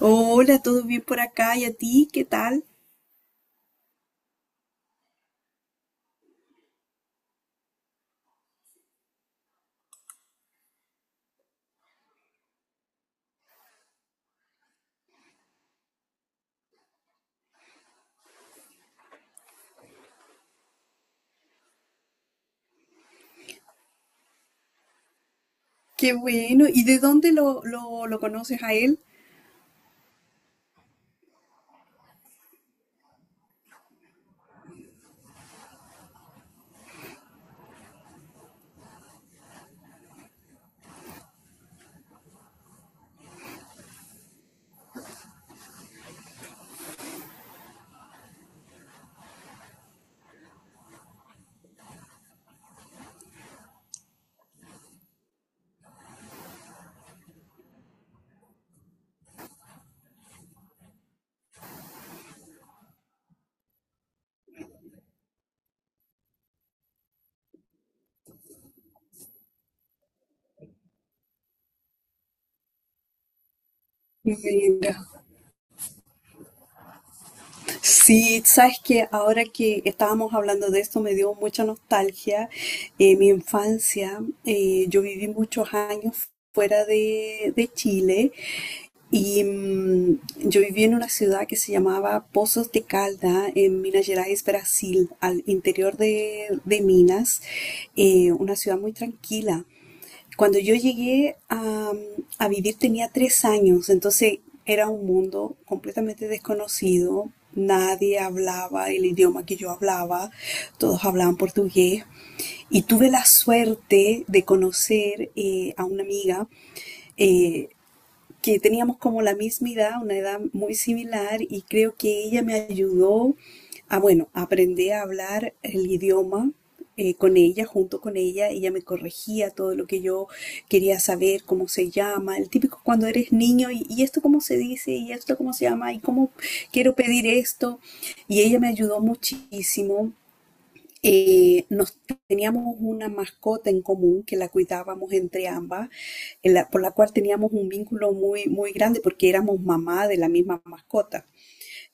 Hola, ¿todo bien por acá? ¿Y a ti? ¿Qué tal? Qué bueno. ¿Y de dónde lo conoces a él? Mira. Sí, sabes que ahora que estábamos hablando de esto me dio mucha nostalgia. Mi infancia, yo viví muchos años fuera de Chile y yo viví en una ciudad que se llamaba Pozos de Calda en Minas Gerais, Brasil, al interior de Minas, una ciudad muy tranquila. Cuando yo llegué a vivir tenía 3 años, entonces era un mundo completamente desconocido. Nadie hablaba el idioma que yo hablaba, todos hablaban portugués. Y tuve la suerte de conocer a una amiga eh, que teníamos como la misma edad, una edad muy similar, y creo que ella me ayudó a, bueno, aprender a hablar el idioma con ella, junto con ella. Ella me corregía todo lo que yo quería saber, cómo se llama, el típico cuando eres niño, y esto cómo se dice, y esto cómo se llama, y cómo quiero pedir esto. Y ella me ayudó muchísimo nos teníamos una mascota en común que la cuidábamos entre ambas, en la- por la cual teníamos un vínculo muy, muy grande porque éramos mamá de la misma mascota,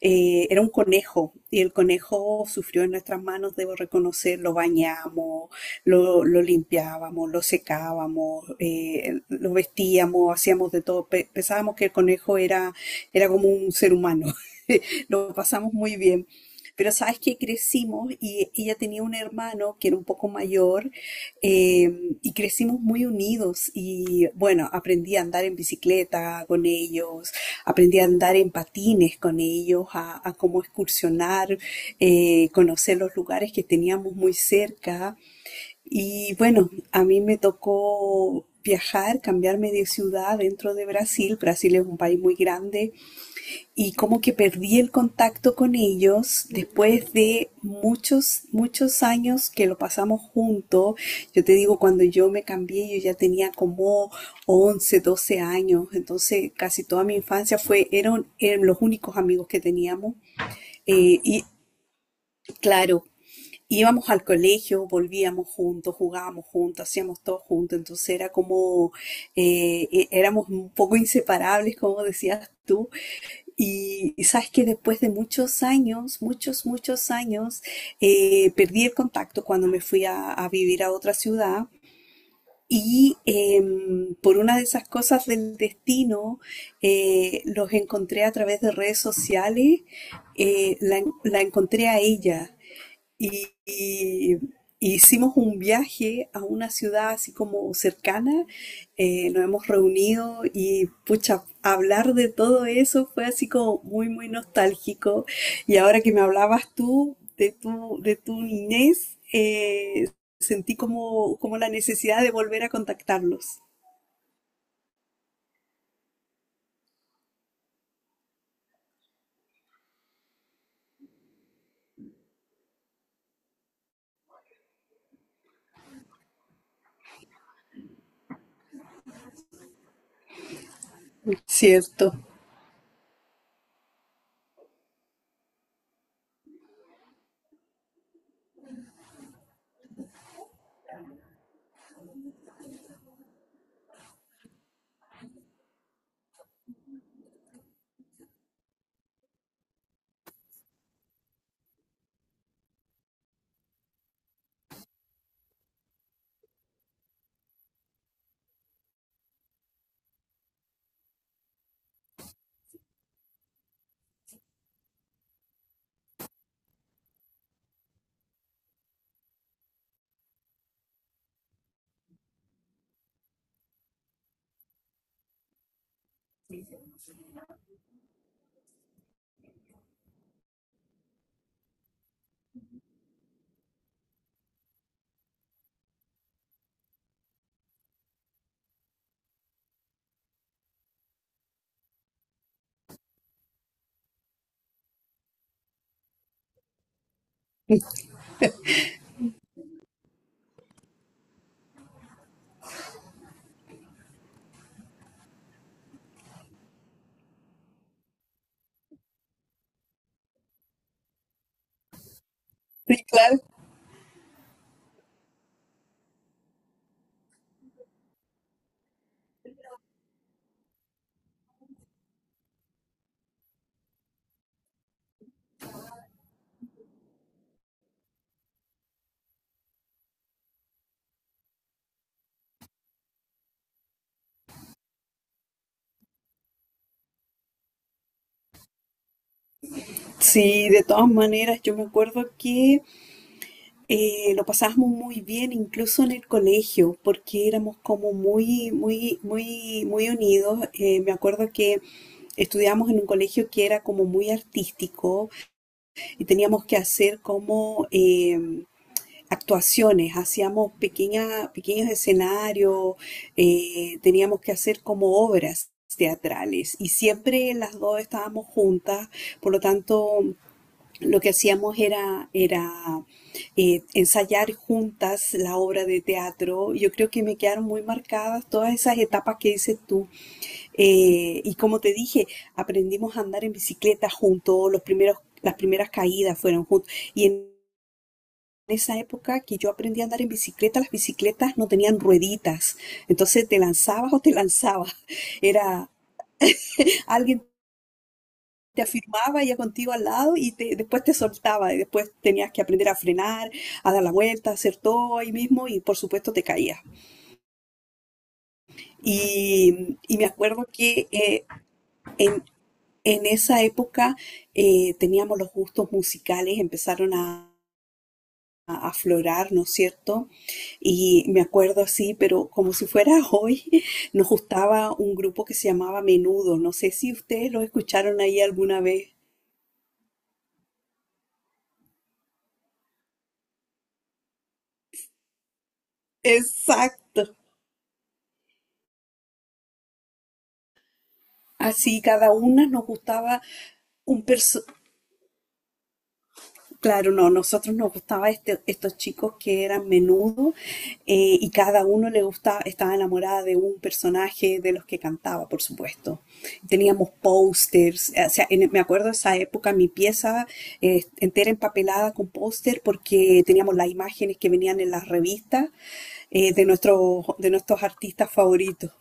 era un conejo y el conejo sufrió en nuestras manos, debo reconocer, lo bañamos, lo limpiábamos, lo secábamos, lo vestíamos, hacíamos de todo. Pensábamos que el conejo era, era como un ser humano. Lo pasamos muy bien. Pero sabes que crecimos y ella tenía un hermano que era un poco mayor, eh, y crecimos muy unidos y bueno, aprendí a andar en bicicleta con ellos, aprendí a andar en patines con ellos, a, cómo excursionar, conocer los lugares que teníamos muy cerca. Y bueno, a mí me tocó viajar, cambiarme de ciudad dentro de Brasil. Brasil es un país muy grande y como que perdí el contacto con ellos después de muchos, muchos años que lo pasamos juntos. Yo te digo, cuando yo me cambié, yo ya tenía como 11 12 años, entonces casi toda mi infancia fue, eran, eran los únicos amigos que teníamos. Y claro, íbamos al colegio, volvíamos juntos, jugábamos juntos, hacíamos todo juntos, entonces era como, éramos un poco inseparables, como decías tú, y sabes que después de muchos años, muchos, muchos años, perdí el contacto cuando me fui a vivir a otra ciudad. Y por una de esas cosas del destino, los encontré a través de redes sociales. La encontré a ella y, y y hicimos un viaje a una ciudad así como cercana, nos hemos reunido y pucha, hablar de todo eso fue así como muy, muy nostálgico. Y ahora que me hablabas tú de tu niñez, sentí como, como la necesidad de volver a contactarlos. Cierto. Sí, claro. Sí, de todas maneras, yo me acuerdo que lo pasábamos muy bien, incluso en el colegio, porque éramos como muy, muy, muy, muy unidos. Me acuerdo que estudiábamos en un colegio que era como muy artístico y teníamos que hacer como actuaciones, hacíamos pequeños escenarios, teníamos que hacer como obras teatrales y siempre las dos estábamos juntas, por lo tanto lo que hacíamos era, era ensayar juntas la obra de teatro. Yo creo que me quedaron muy marcadas todas esas etapas que dices tú. Y como te dije, aprendimos a andar en bicicleta juntos, los primeros, las primeras caídas fueron juntos. Y en esa época que yo aprendí a andar en bicicleta, las bicicletas no tenían rueditas. Entonces te lanzabas o te lanzabas. Era, alguien te afirmaba ya contigo al lado y te, después te soltaba y después tenías que aprender a frenar, a dar la vuelta, a hacer todo ahí mismo y por supuesto te caías. Y me acuerdo que en, en esa época, teníamos los gustos musicales, empezaron a aflorar, ¿no es cierto? Y me acuerdo así, pero como si fuera hoy, nos gustaba un grupo que se llamaba Menudo. No sé si ustedes lo escucharon ahí alguna vez. Exacto. Así cada una nos gustaba un perso... Claro, no, nosotros nos gustaba estos chicos que eran Menudo, y cada uno le gustaba, estaba enamorada de un personaje de los que cantaba, por supuesto. Teníamos pósters, o sea, me acuerdo esa época mi pieza entera empapelada con póster porque teníamos las imágenes que venían en las revistas, de nuestros artistas favoritos.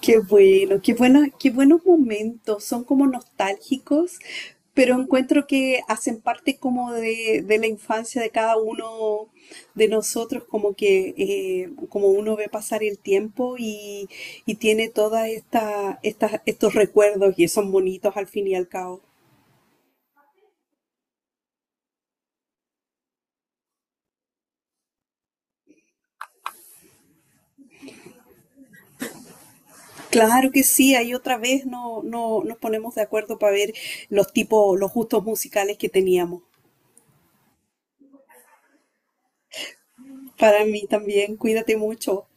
Qué bueno, qué bueno, qué buenos momentos, son como nostálgicos, pero encuentro que hacen parte como de la infancia de cada uno de nosotros, como que como uno ve pasar el tiempo y tiene todas estos recuerdos y son bonitos al fin y al cabo. Claro que sí, ahí otra vez no, nos ponemos de acuerdo para ver los tipos, los gustos musicales que teníamos. Para mí también, cuídate mucho.